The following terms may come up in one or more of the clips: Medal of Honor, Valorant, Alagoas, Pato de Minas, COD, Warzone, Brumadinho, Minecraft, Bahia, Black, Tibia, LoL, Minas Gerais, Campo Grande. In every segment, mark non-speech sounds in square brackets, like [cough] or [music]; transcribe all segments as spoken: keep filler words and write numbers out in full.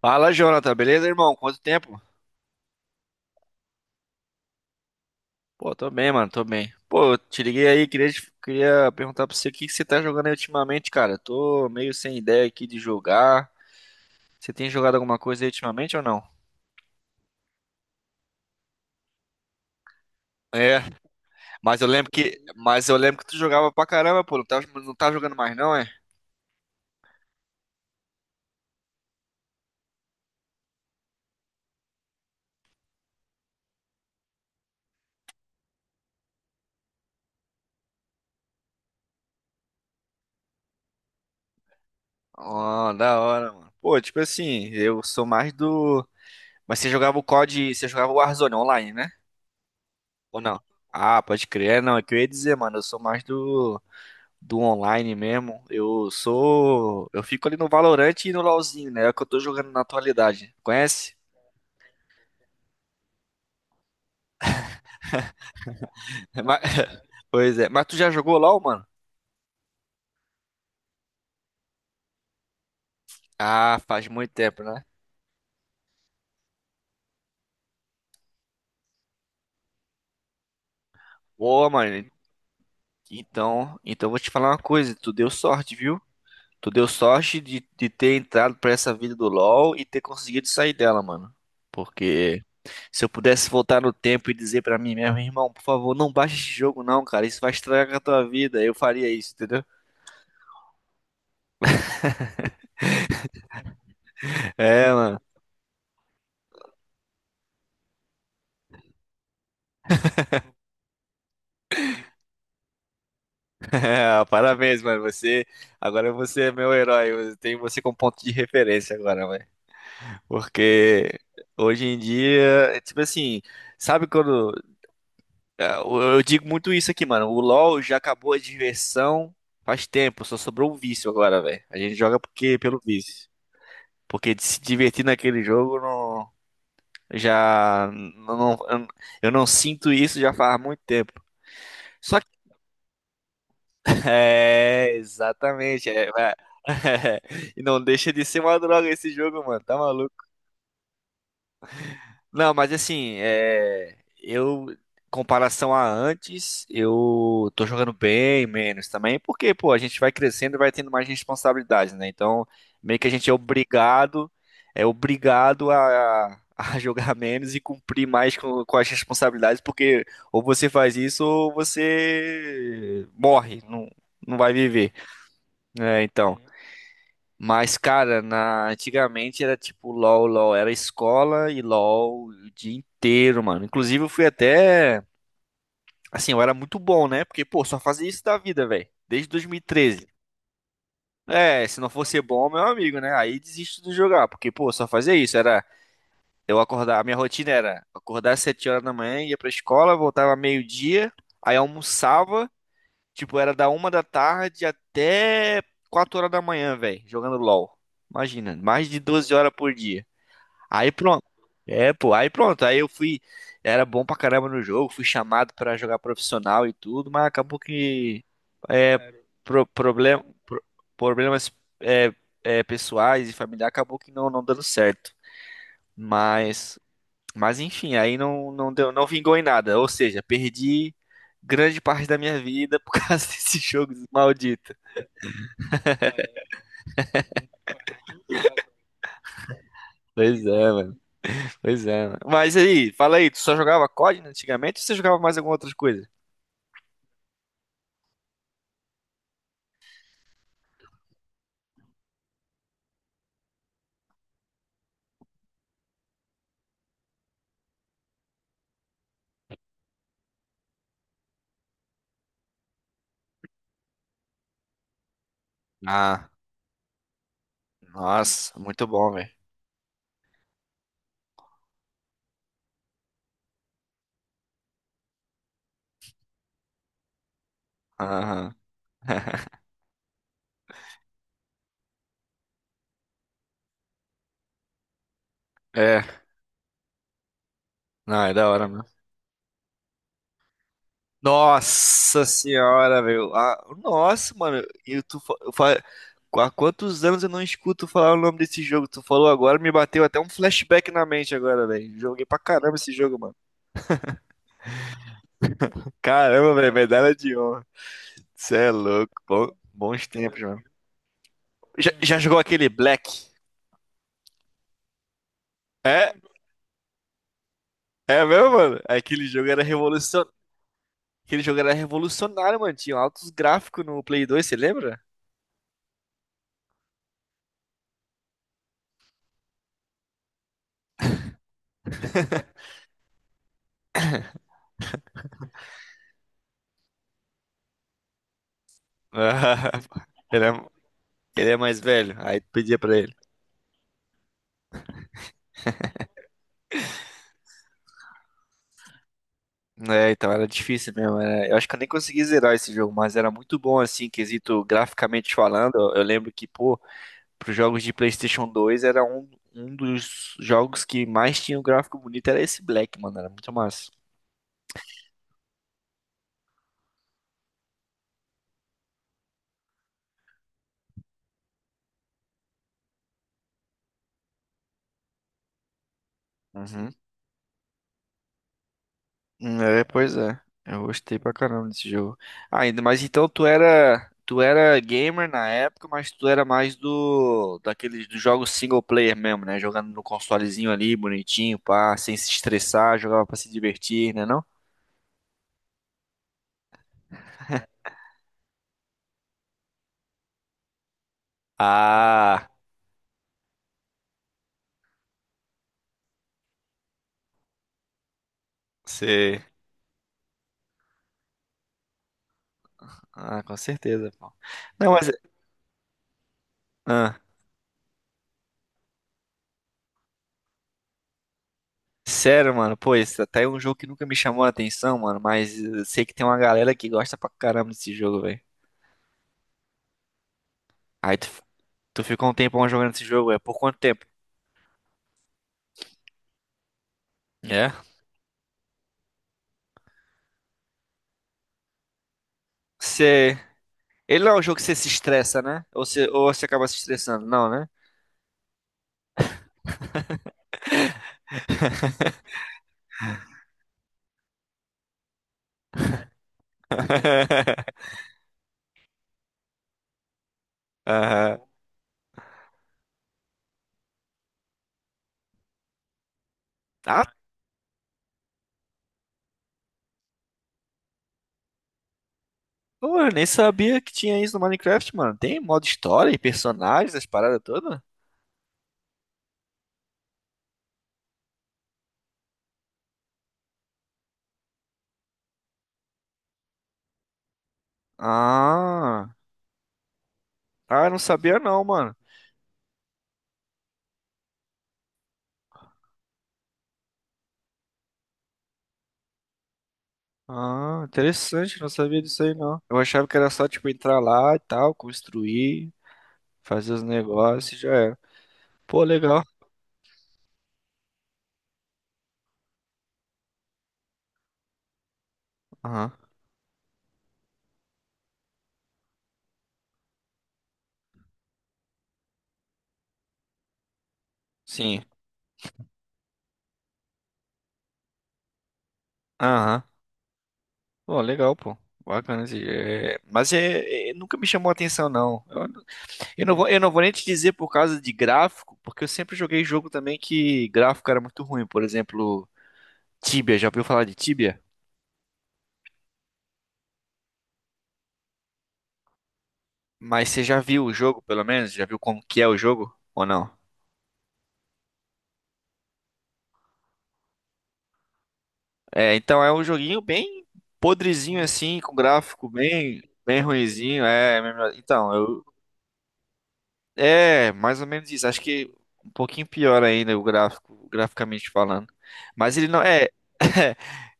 Fala, Jonathan, beleza, irmão? Quanto tempo? Pô, tô bem, mano, tô bem. Pô, eu te liguei aí, queria, te- queria perguntar pra você o que que você tá jogando aí ultimamente, cara. Eu tô meio sem ideia aqui de jogar. Você tem jogado alguma coisa aí ultimamente ou não? É, mas eu lembro que, mas eu lembro que tu jogava pra caramba, pô. Não tá, não tá jogando mais, não, é? Ó, da hora, mano. Pô, tipo assim, eu sou mais do. Mas você jogava o COD, você jogava o Warzone online, né? Ou não? Ah, pode crer. É, não. É que eu ia dizer, mano, eu sou mais do. do online mesmo. Eu sou. Eu fico ali no Valorant e no LoLzinho, né? É o que eu tô jogando na atualidade. Conhece? [laughs] Mas- [laughs] Pois é. Mas tu já jogou LoL, mano? Ah, faz muito tempo, né? Boa, mano. Então, então eu vou te falar uma coisa. Tu deu sorte, viu? Tu deu sorte de, de ter entrado pra essa vida do LoL e ter conseguido sair dela, mano. Porque se eu pudesse voltar no tempo e dizer pra mim mesmo, irmão, por favor, não baixa esse jogo não, cara. Isso vai estragar a tua vida. Eu faria isso, entendeu? É, mano. [laughs] É, parabéns, mano. Você, agora você é meu herói. Eu tenho você como ponto de referência agora, mano. Porque hoje em dia, é tipo assim, sabe quando é, eu eu digo muito isso aqui, mano. O LoL já acabou a diversão faz tempo, só sobrou o vício agora, velho. A gente joga porque pelo vício. Porque de se divertir naquele jogo não já não, não- eu não sinto isso já faz muito tempo. Só é, exatamente. É, vai- [laughs] E não deixa de ser uma droga esse jogo, mano. Tá maluco? Não, mas assim, é, eu, comparação a antes, eu tô jogando bem menos também, porque, pô, a gente vai crescendo e vai tendo mais responsabilidades, né? Então, meio que a gente é obrigado, é obrigado a, a [laughs] jogar menos e cumprir mais com, com as responsabilidades, porque ou você faz isso ou você morre, não, não vai viver. É, então. Mas, cara, na... antigamente era tipo LOL, LOL, era escola e LOL o dia inteiro, mano. Inclusive, eu fui até. Assim, eu era muito bom, né? Porque, pô, só fazia isso da vida, velho. Desde dois mil e treze. É, se não fosse bom, meu amigo, né? Aí desisto de jogar, porque, pô, só fazia isso. Era eu acordar, a minha rotina era acordar às sete horas da manhã, ia pra escola, voltava meio-dia, aí almoçava, tipo, era da uma da tarde até quatro horas da manhã, velho, jogando LOL. Imagina, mais de doze horas por dia. Aí pronto. É, pô, aí pronto. Aí eu fui. Era bom pra caramba no jogo, fui chamado pra jogar profissional e tudo, mas acabou que. É, pro- problem- pro- problemas é, é, pessoais e familiares acabou que não, não, dando certo. Mas. Mas enfim, aí não, não deu, não vingou em nada. Ou seja, perdi grande parte da minha vida por [laughs] causa desse jogo maldito. Pois é, mano. Pois é, mano. Mas aí, fala aí, tu só jogava COD, né, antigamente ou você jogava mais alguma outra coisa? Ah. Nossa, muito bom, velho. Aham. [laughs] É, não, é da hora, mano. Nossa senhora, velho. Ah, nossa, mano. Eu, tu, fa- eu, fa- há quantos anos eu não escuto falar o nome desse jogo? Tu falou agora, me bateu até um flashback na mente agora, velho. Joguei pra caramba esse jogo, mano. Caramba, velho, medalha de honra. Cê é louco. Bom- bons tempos, mano. Já, já jogou aquele Black? É, é mesmo, mano? Aquele jogo era revolucionário. Aquele jogo era revolucionário, mano. Tinha altos gráficos no Play dois, você lembra? [laughs] Ele é, ele é mais velho, aí tu pedia pra ele. É, então era difícil mesmo. era- Eu acho que eu nem consegui zerar esse jogo, mas era muito bom, assim, quesito graficamente falando. Eu eu lembro que, pô, pros jogos de PlayStation dois era um, um dos jogos que mais tinha um gráfico bonito, era esse Black, mano. Era muito massa. Uhum. É, pois é. Eu gostei pra caramba desse jogo. Ah, ainda mais então tu era, tu era gamer na época, mas tu era mais do daqueles dos jogos single player mesmo, né? Jogando no consolezinho ali, bonitinho, pá, sem se estressar, jogava pra se divertir, né não? Ah, sei. Ah, com certeza, pô. Não, mas ah, sério, mano, pô, esse até é um jogo que nunca me chamou a atenção, mano, mas eu sei que tem uma galera que gosta pra caramba desse jogo, velho. Aí tu, tu ficou um tempão jogando esse jogo, é por quanto tempo? É. Você. Ele não é um jogo que você se estressa, né? Ou você, ou você acaba se estressando, não, né? [laughs] Aham. Ah, pô, eu nem sabia que tinha isso no Minecraft, mano. Tem modo história e personagens, as paradas todas? Ah. Ah, eu não sabia não, mano. Ah, interessante, não sabia disso aí não. Eu achava que era só, tipo, entrar lá e tal, construir, fazer os negócios e já era. Pô, legal. Aham. Sim. Aham. Pô, legal, pô. Bacana. Assim, é, mas é... é, nunca me chamou a atenção, não. Eu... eu não vou... eu não vou nem te dizer por causa de gráfico, porque eu sempre joguei jogo também que gráfico era muito ruim. Por exemplo, Tibia. Já ouviu falar de Tibia? Mas você já viu o jogo, pelo menos? Já viu como que é o jogo? Ou não? É, então é um joguinho bem podrezinho assim, com gráfico bem, bem ruinzinho. É, então, eu é, mais ou menos isso. Acho que um pouquinho pior ainda o gráfico, graficamente falando. Mas ele não é. [laughs]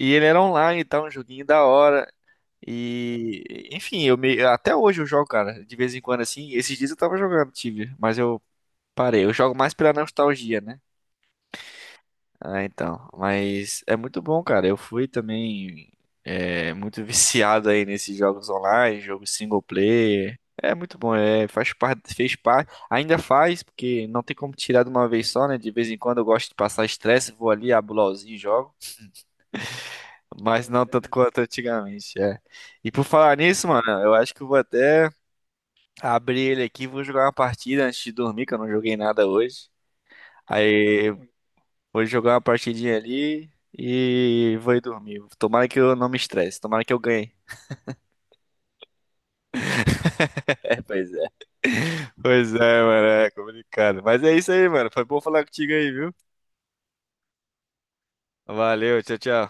E ele era online, tá um joguinho da hora. E enfim, eu me... até hoje eu jogo, cara, de vez em quando assim. Esses dias eu tava jogando Tibia, mas eu parei. Eu jogo mais pela nostalgia, né? Ah, então. Mas é muito bom, cara. Eu fui também é, muito [laughs] viciado aí nesses jogos online, jogos single player. É muito bom, é, faz parte, fez parte, ainda faz, porque não tem como tirar de uma vez só, né? De vez em quando eu gosto de passar estresse, vou ali, abro o LOLzinho e jogo, mas não tanto quanto antigamente, é. E por falar nisso, mano, eu acho que eu vou até abrir ele aqui, vou jogar uma partida antes de dormir, que eu não joguei nada hoje. Aí vou jogar uma partidinha ali e vou ir dormir. Tomara que eu não me estresse, tomara que eu ganhe. [laughs] É, pois é. Pois é, mano, é complicado. Mas é isso aí, mano. Foi bom falar contigo aí, viu? Valeu, tchau, tchau.